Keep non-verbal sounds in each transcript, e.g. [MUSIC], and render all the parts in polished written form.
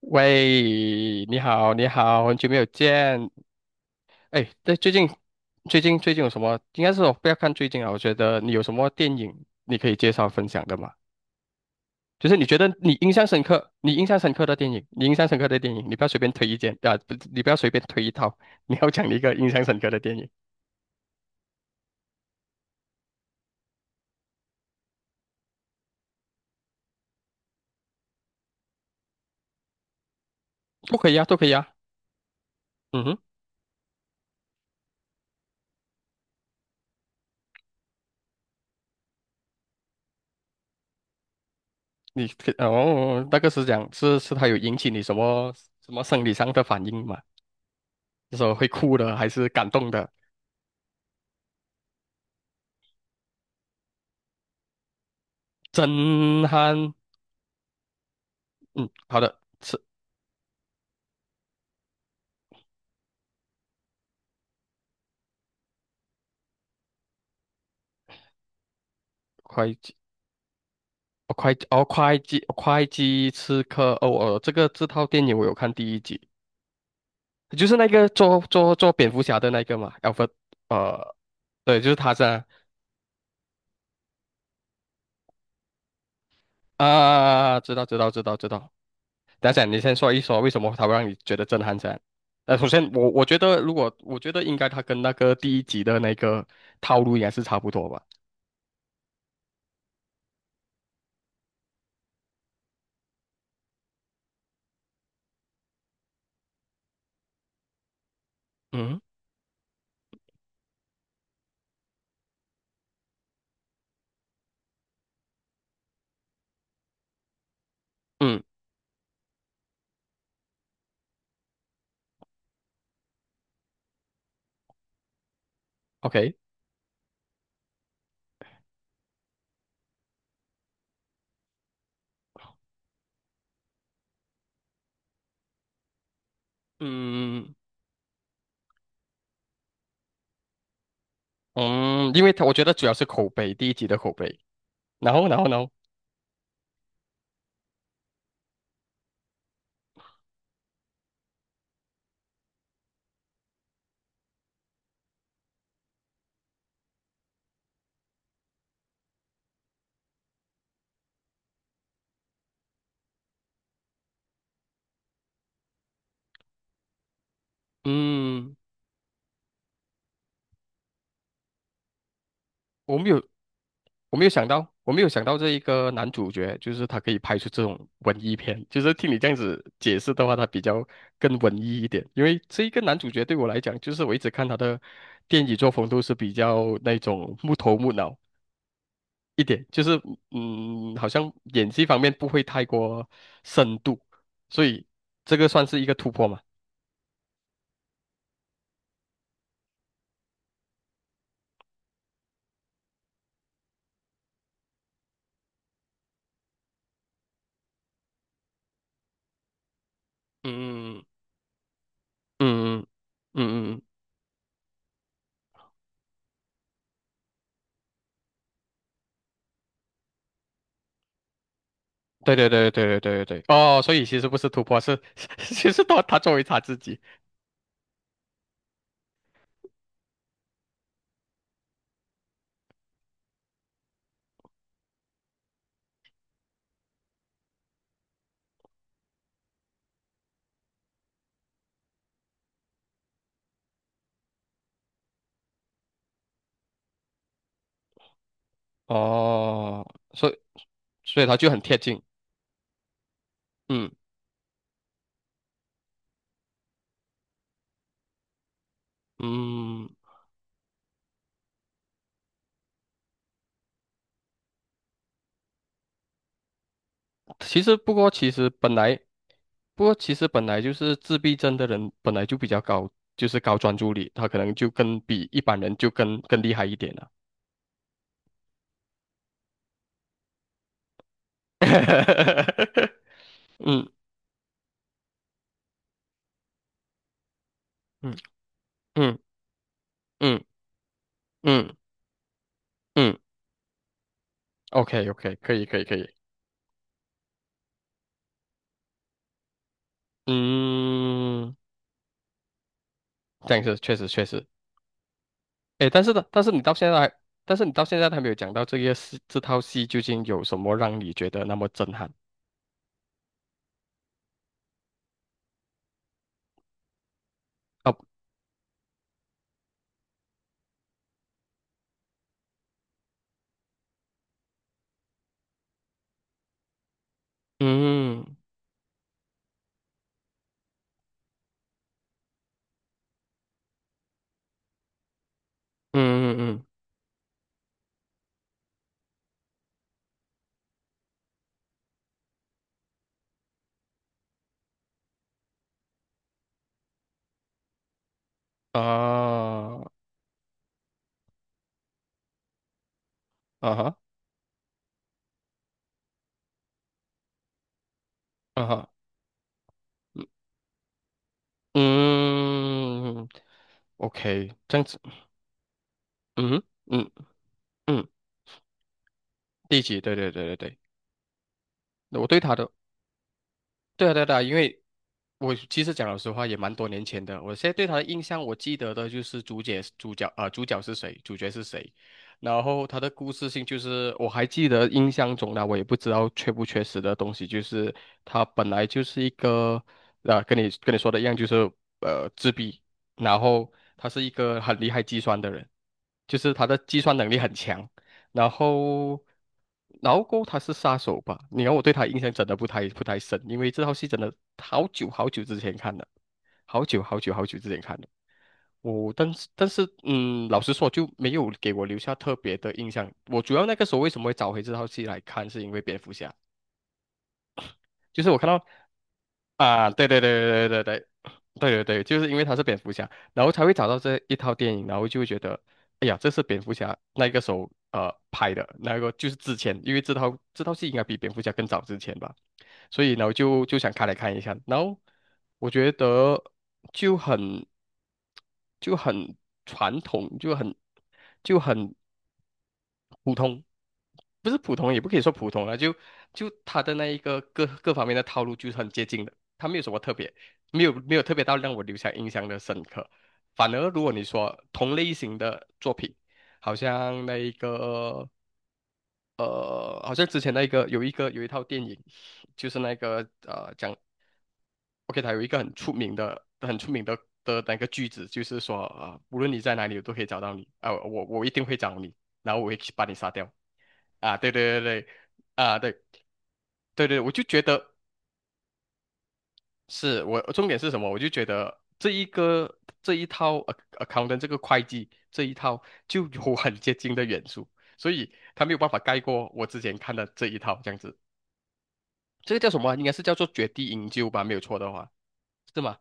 喂，你好，你好，很久没有见。哎，对，最近有什么？应该是我不要看最近啊。我觉得你有什么电影你可以介绍分享的吗？就是你觉得你印象深刻，你印象深刻的电影，你印象深刻的电影，你不要随便推一件啊，不，你不要随便推一套，[LAUGHS] 你要讲一个印象深刻的电影，都可以啊，都可以啊。嗯哼，哦，那个是讲是它有引起你什么生理上的反应吗？那说会哭的，还是感动的，震撼？嗯，好的，会计，会计刺客，哦哦，这个这套电影我有看第一集，就是那个做蝙蝠侠的那个嘛 a l f r e 呃，对，就是他噻，啊，知道知道知道知道，等一下你先说一说为什么他会让你觉得震撼噻？首先我觉得应该他跟那个第一集的那个套路应该是差不多吧，嗯嗯，OK，嗯嗯，因为他我觉得主要是口碑，第一集的口碑。然后呢？嗯，我没有，我没有想到这一个男主角，就是他可以拍出这种文艺片。就是听你这样子解释的话，他比较更文艺一点。因为这一个男主角对我来讲，就是我一直看他的电影作风都是比较那种木头木脑一点，就是好像演技方面不会太过深度，所以这个算是一个突破嘛。嗯嗯嗯嗯嗯嗯嗯。对对对对对对对对，哦，所以其实不是突破，是 [LAUGHS] 其实他作为他自己，哦，所以所以他就很贴近，嗯嗯，其实不过其实本来不过其实本来就是自闭症的人本来就比较高，就是高专注力，他可能就更比一般人就更厉害一点了，[LAUGHS] 嗯嗯嗯嗯嗯嗯，OK OK，可以可以可以，嗯，这样是确实确实。哎，但是呢，但是你到现在还没有讲到这个戏，这套戏究竟有什么让你觉得那么震撼？哦，嗯嗯嗯嗯啊啊哈啊哈嗯，OK，嗯，OK，这样子，嗯嗯嗯，第几？对对对对对，我对他的，对啊对啊对啊，因为我其实讲老实话也蛮多年前的，我现在对他的印象，我记得的就是主角是谁，然后他的故事性就是我还记得印象中呢，我也不知道缺不缺失的东西，就是他本来就是一个啊跟你说的一样，就是自闭，然后他是一个很厉害计算的人，就是他的计算能力很强，然后，然后过后他是杀手吧？你看我对他印象真的不太深，因为这套戏真的好久好久之前看的，好久好久好久之前看的。我但是，老实说就没有给我留下特别的印象。我主要那个时候为什么会找回这套戏来看，是因为蝙蝠侠。就是我看到啊，对对对对对对对对对，就是因为他是蝙蝠侠，然后才会找到这一套电影，然后就会觉得，哎呀，这是蝙蝠侠那个时候拍的，那个就是之前，因为这套戏应该比蝙蝠侠更早之前吧，所以呢我就想开来看一下，然后我觉得就很就很传统，就很就很。普通，不是普通，也不可以说普通了，就他的那一个各方面的套路就是很接近的，他没有什么特别，没有特别到让我留下印象的深刻。反而如果你说同类型的作品，好像那一个呃，好像之前那一个有一套电影，就是那个讲 OK，它有一个很出名的那个句子，就是说无论你在哪里，我都可以找到你啊、我一定会找你，然后我会去把你杀掉啊！对对对对，啊对对对，我就觉得是我重点是什么？我就觉得这一套c accountant 这个会计这一套就有很接近的元素，所以它没有办法盖过我之前看的这一套这样子。这个叫什么啊应该是叫做绝地营救吧，没有错的话，是吗？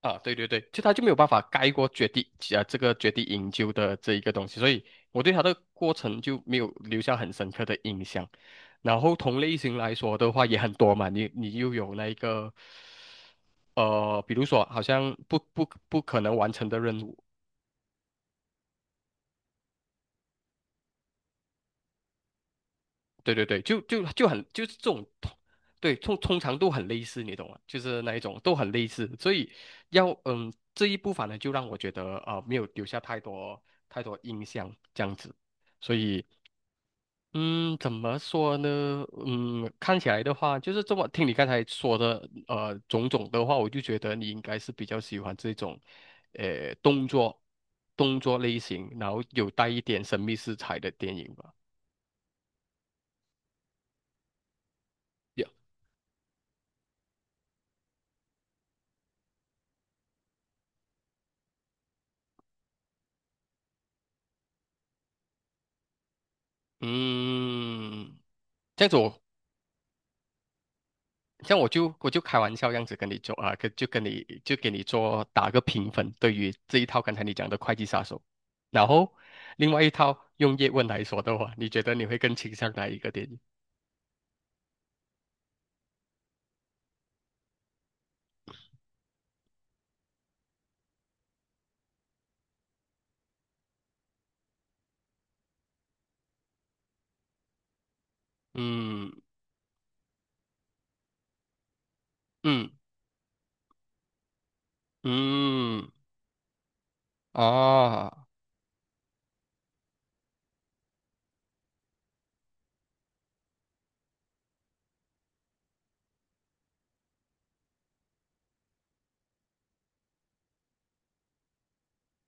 啊，对对对，就他就没有办法盖过绝地啊这个绝地营救的这一个东西，所以我对他的过程就没有留下很深刻的印象。然后同类型来说的话也很多嘛，你又有那一个，比如说好像不可能完成的任务，对对对，就是这种对，通常都很类似，你懂吗？就是那一种都很类似，所以这一部反而就让我觉得啊没有留下太多太多印象这样子。所以嗯，怎么说呢？嗯，看起来的话，就是这么听你刚才说的，种种的话，我就觉得你应该是比较喜欢这种，呃，动作动作类型，然后有带一点神秘色彩的电影吧。y 嗯，这样子我，这样我就开玩笑这样子跟你做啊，跟就跟你就给你做打个评分，对于这一套刚才你讲的《会计杀手》，然后另外一套用叶问来说的话，你觉得你会更倾向哪一个电影？嗯嗯嗯啊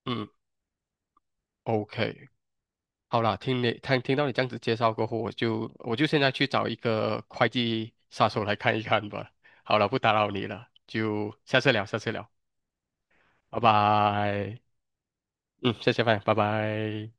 嗯，OK，好啦，听到你这样子介绍过后，我就现在去找一个会计杀手来看一看吧。好了，不打扰你了，就下次聊，下次聊，拜拜。嗯，谢谢饭，拜拜。